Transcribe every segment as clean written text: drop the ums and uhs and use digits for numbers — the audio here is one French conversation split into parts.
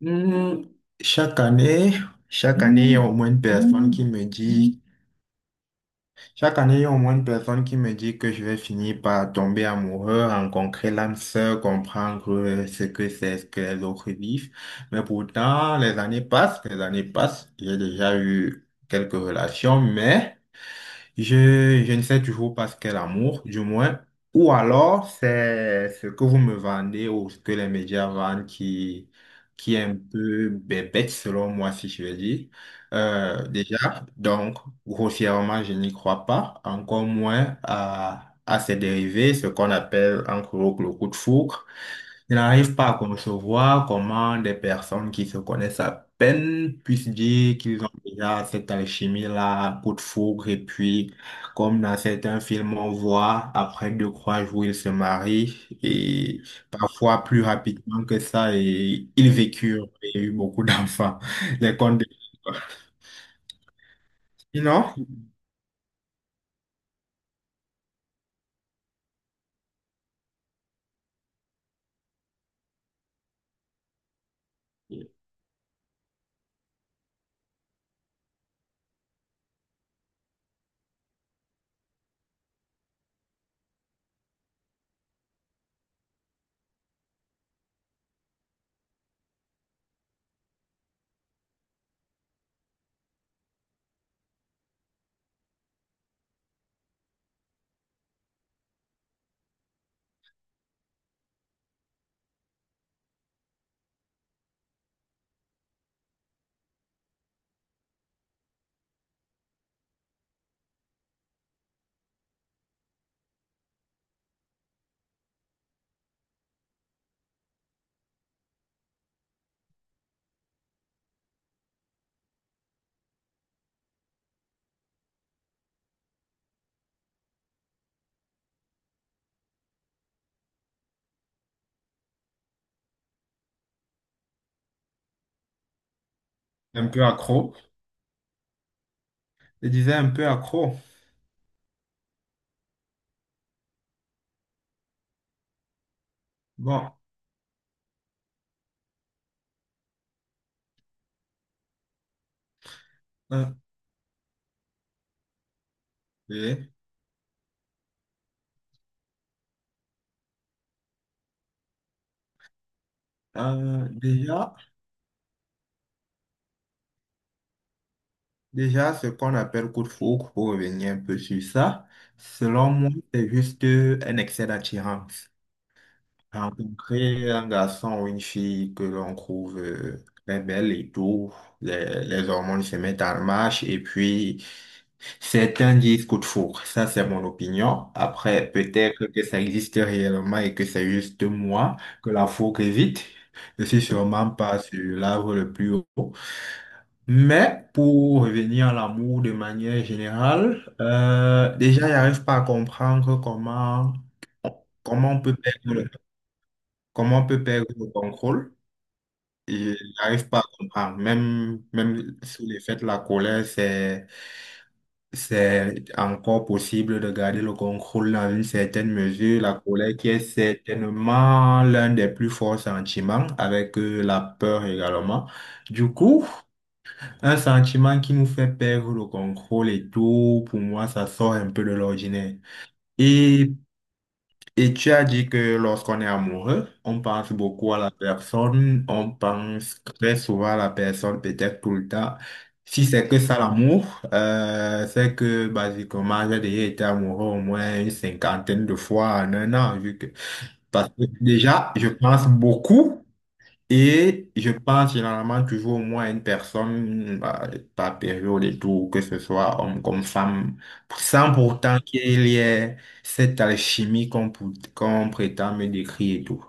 Hmm, Chaque année, chaque année, il y a au moins une personne qui me dit, chaque année, il y a au moins une personne qui me dit que je vais finir par tomber amoureux, rencontrer l'âme sœur, comprendre ce que c'est, ce que les autres vivent. Mais pourtant, les années passent, les années passent. J'ai déjà eu quelques relations, mais je ne sais toujours pas ce qu'est l'amour, du moins. Ou alors, c'est ce que vous me vendez ou ce que les médias vendent qui est un peu bébête, selon moi, si je veux dire. Déjà, donc, grossièrement, je n'y crois pas. Encore moins à ses dérivés, ce qu'on appelle en gros le coup de foudre. Je n'arrive pas à concevoir comment des personnes qui se connaissent à peine puissent dire qu'ils ont déjà cette alchimie-là, coup de foudre, et puis, comme dans certains films, on voit, après deux, trois jours, ils se marient, et parfois plus rapidement que ça, et ils vécurent, et eu beaucoup d'enfants. Les contes de... Sinon, un peu accro, je disais un peu accro. Bon, un, deux, un, déjà. Déjà, ce qu'on appelle coup de foudre, pour revenir un peu sur ça, selon moi, c'est juste un excès d'attirance. Rencontrer un garçon ou une fille que l'on trouve très belle et tout, les hormones se mettent en marche et puis certains disent coup de foudre. Ça, c'est mon opinion. Après, peut-être que ça existe réellement et que c'est juste moi que la foudre évite. Je suis sûrement pas sur l'arbre le plus haut. Mais pour revenir à l'amour de manière générale, déjà, j'arrive pas à comprendre comment on peut perdre le contrôle. Ils J'arrive pas à comprendre. Même sous l'effet de la colère, c'est encore possible de garder le contrôle dans une certaine mesure. La colère qui est certainement l'un des plus forts sentiments, avec la peur également. Du coup, un sentiment qui nous fait perdre le contrôle et tout, pour moi, ça sort un peu de l'ordinaire. Et, et tu as dit que lorsqu'on est amoureux, on pense beaucoup à la personne, on pense très souvent à la personne, peut-être tout le temps. Si c'est que ça l'amour, c'est que basiquement, j'ai déjà été amoureux au moins une cinquantaine de fois en un an, parce que déjà, je pense beaucoup. Et je parle généralement toujours au moins à une personne bah, par période et tout, que ce soit homme comme femme, sans pourtant qu'il y ait cette alchimie qu'on prétend me décrire et tout.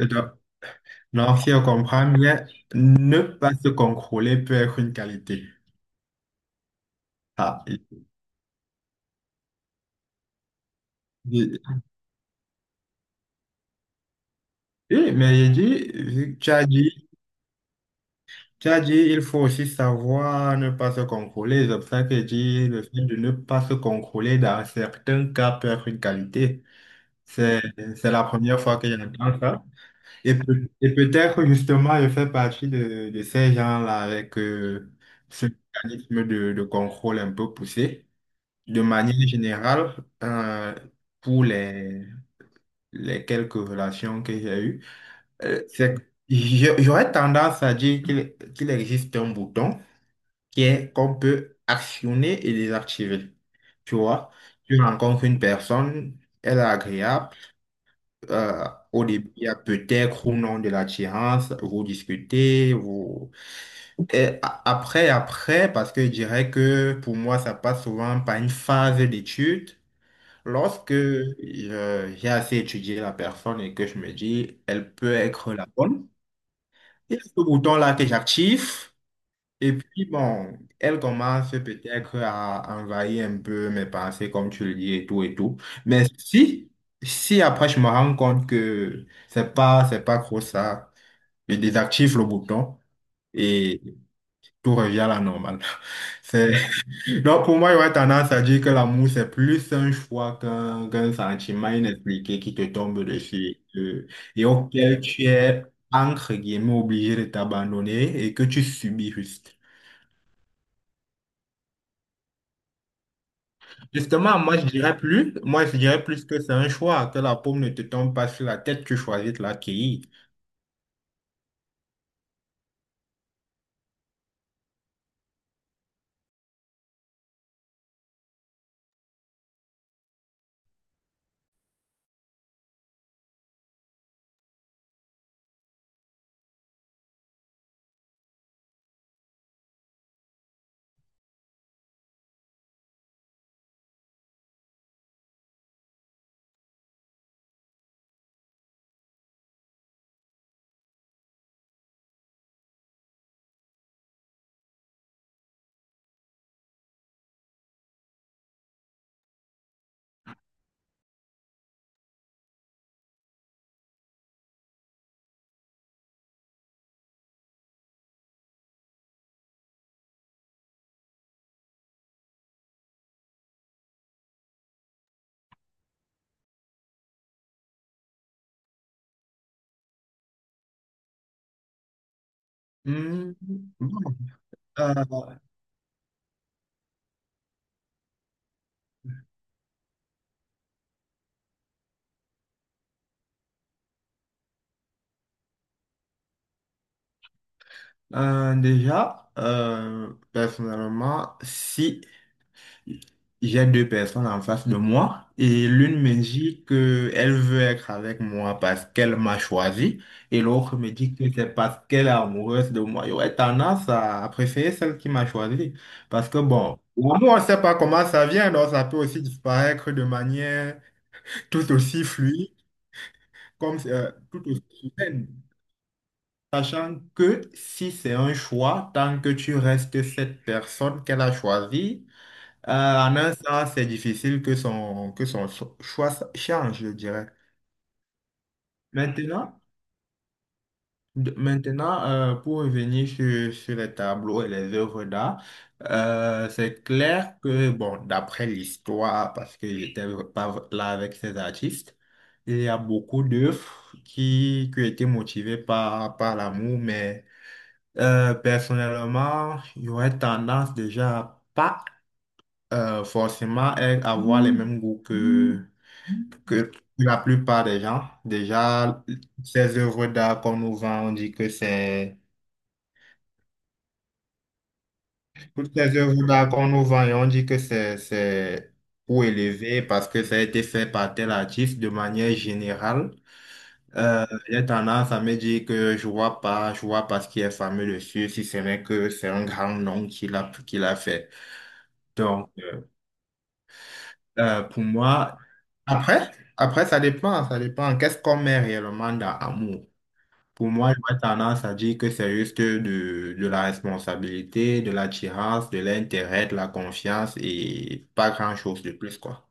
Et Donc, donc, si on comprend bien, ne pas se contrôler peut être une qualité. Ah, je- oui, mais j'ai dit, vu que tu as dit, il faut aussi savoir ne pas se contrôler. C'est pour ça que je dis, le fait de ne pas se contrôler dans certains cas peut être une qualité. C'est, c'est la première fois que j'entends ça. Et peut-être justement, je fais partie de ces gens-là avec ce mécanisme de contrôle un peu poussé. De manière générale, euh, pour les quelques relations que j'ai eues, euh, c'est- j'aurais tendance à dire qu'il existe un bouton qui est qu'on peut actionner et désactiver. Tu vois, tu rencontres une personne, elle est agréable. euh, au début, il y a peut-être ou non de l'attirance, vous discutez, vous... Et après, parce que je dirais que pour moi, ça passe souvent par une phase d'étude. Lorsque j'ai assez étudié la personne et que je me dis, elle peut être la bonne, il y a ce bouton-là que j'active. Et puis, bon, elle commence peut-être à envahir un peu mes pensées, comme tu le dis, et tout, et tout. Mais si après je me rends compte que c'est pas trop ça, je désactive le bouton et tout revient à la normale. C'est... Donc, pour moi, j'aurais tendance à dire que l'amour, c'est plus un choix qu'un sentiment inexpliqué qui te tombe dessus et auquel tu es, entre guillemets, obligé de t'abandonner et que tu subis juste. Justement, moi, je dirais plus, moi, je dirais plus que c'est un choix, que la paume ne te tombe pas sur la tête, tu choisis de l'accueillir. Hmm, bon, euh, déjà, personnellement, si j'ai deux personnes en face de moi et l'une me dit que elle veut être avec moi parce qu'elle m'a choisi et l'autre me dit que c'est parce qu'elle est amoureuse de moi. J'aurais tendance à préférer celle qui m'a choisi parce que bon, l'amour, on ne sait pas comment ça vient, donc ça peut aussi disparaître de manière tout aussi fluide comme tout aussi soudaine. Sachant que si c'est un choix, tant que tu restes cette personne qu'elle a choisie, en un sens, c'est difficile que son choix change, je dirais. Maintenant, pour revenir sur les tableaux et les œuvres d'art, c'est clair que, bon, d'après l'histoire, parce que j'étais pas là avec ces artistes, il y a beaucoup d'œuvres qui étaient motivées par l'amour, mais personnellement, j'aurais tendance déjà à pas forcément à avoir les mêmes goûts que la plupart des gens, déjà, ces œuvres d'art qu'on nous vend, on dit que c'est... Toutes ces œuvres d'art qu'on nous vend, et on dit que c'est pour élever parce que ça a été fait par tel artiste de manière générale. J'ai tendance à me dire que je vois pas ce qui est fameux dessus, si ce n'est que c'est un grand nom qu'il a fait. Donc, pour moi, après, après, ça dépend, ça dépend. Qu'est-ce qu'on met réellement dans amour? Pour moi, j'aurais tendance à dire que c'est juste de la responsabilité, de l'attirance, de l'intérêt, de la confiance et pas grand-chose de plus, quoi.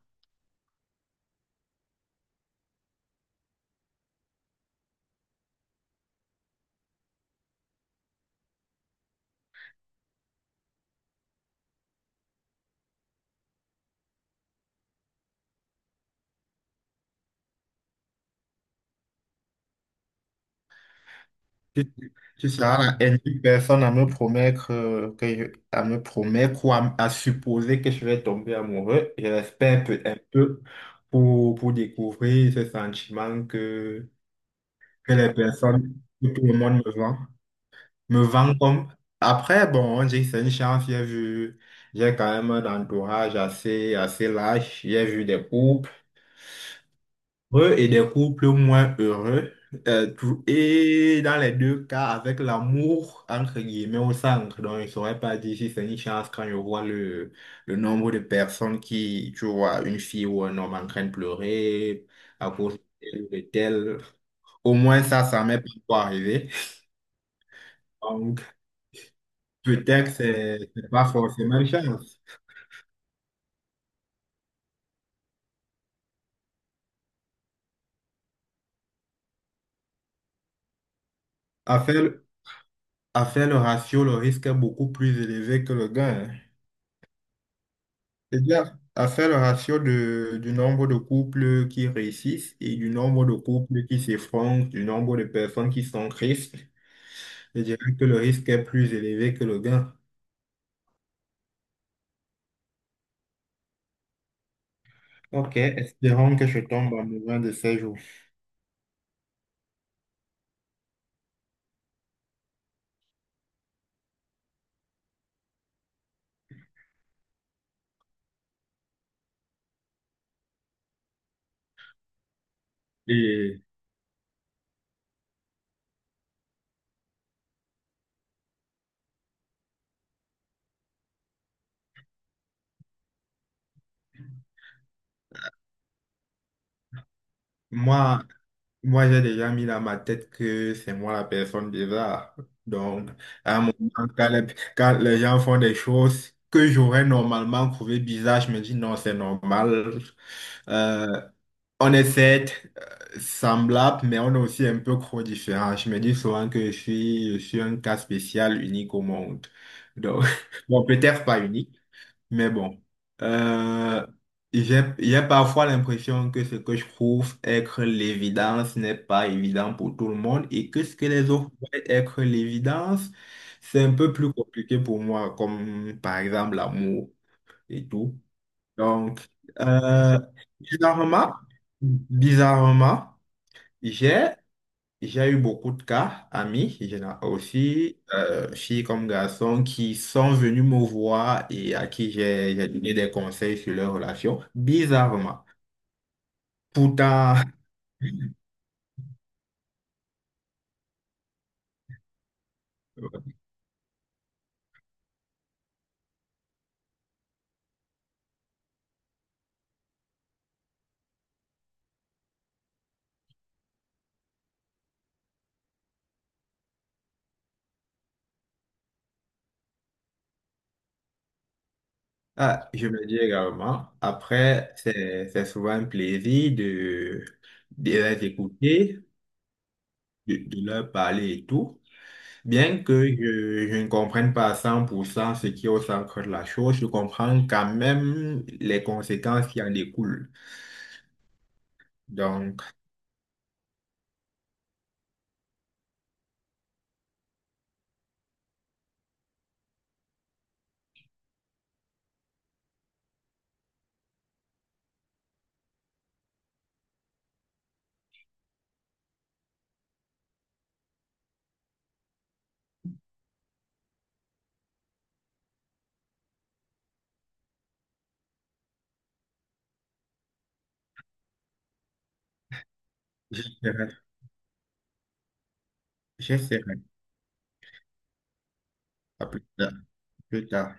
Tu, tu seras la énième personne à me promettre, à me promettre ou à supposer que je vais tomber amoureux. Je l'espère un peu pour découvrir ce sentiment que les personnes, que tout le monde me vend. Me vend comme... Après, bon, j'ai c'est une chance, j'ai vu, j'ai quand même un entourage assez large, j'ai vu des couples heureux et des couples moins heureux. Et dans les deux cas, avec l'amour, entre guillemets, au centre. Donc, je ne saurais pas dire si c'est une chance quand je vois le nombre de personnes qui, tu vois, une fille ou un homme en train de pleurer à cause de tel ou de tel. Au moins, ça m'est pas encore arrivé. Peut-être c'est pas forcément une chance. À faire, à faire le ratio, le risque est beaucoup plus élevé que le gain, hein. C'est-à-dire, à faire le ratio du nombre de couples qui réussissent et du nombre de couples qui s'effondrent, du nombre de personnes qui sont tristes, je dirais que le risque est plus élevé que le gain. Ok, espérons que je tombe amoureux de ces jours. Et moi, Moi, j'ai déjà mis dans ma tête que c'est moi la personne bizarre. Donc, à un moment, quand les, quand les gens font des choses que j'aurais normalement trouvé bizarres, je me dis non, c'est normal. Euh, on est certes semblables, mais on est aussi un peu trop différents. Je me dis souvent que je suis un cas spécial, unique au monde. Donc, bon, peut-être pas unique. Mais bon, euh, j'ai parfois l'impression que ce que je trouve être l'évidence n'est pas évident pour tout le monde et que ce que les autres voient être l'évidence, c'est un peu plus compliqué pour moi, comme par exemple l'amour et tout. Donc, euh, bizarrement, bizarrement, j'ai j'ai eu beaucoup de cas, amis, aussi, filles comme garçons, qui sont venus me voir et à qui j'ai donné des conseils sur leurs relations, bizarrement. Pourtant, ah, je me dis également, après, c'est souvent un plaisir de les écouter, de leur parler et tout. Bien que je ne comprenne pas à 100% ce qui est au centre de la chose, je comprends quand même les conséquences qui en découlent. Donc, j'essaierai. J'essaierai. À plus tard. Plus tard.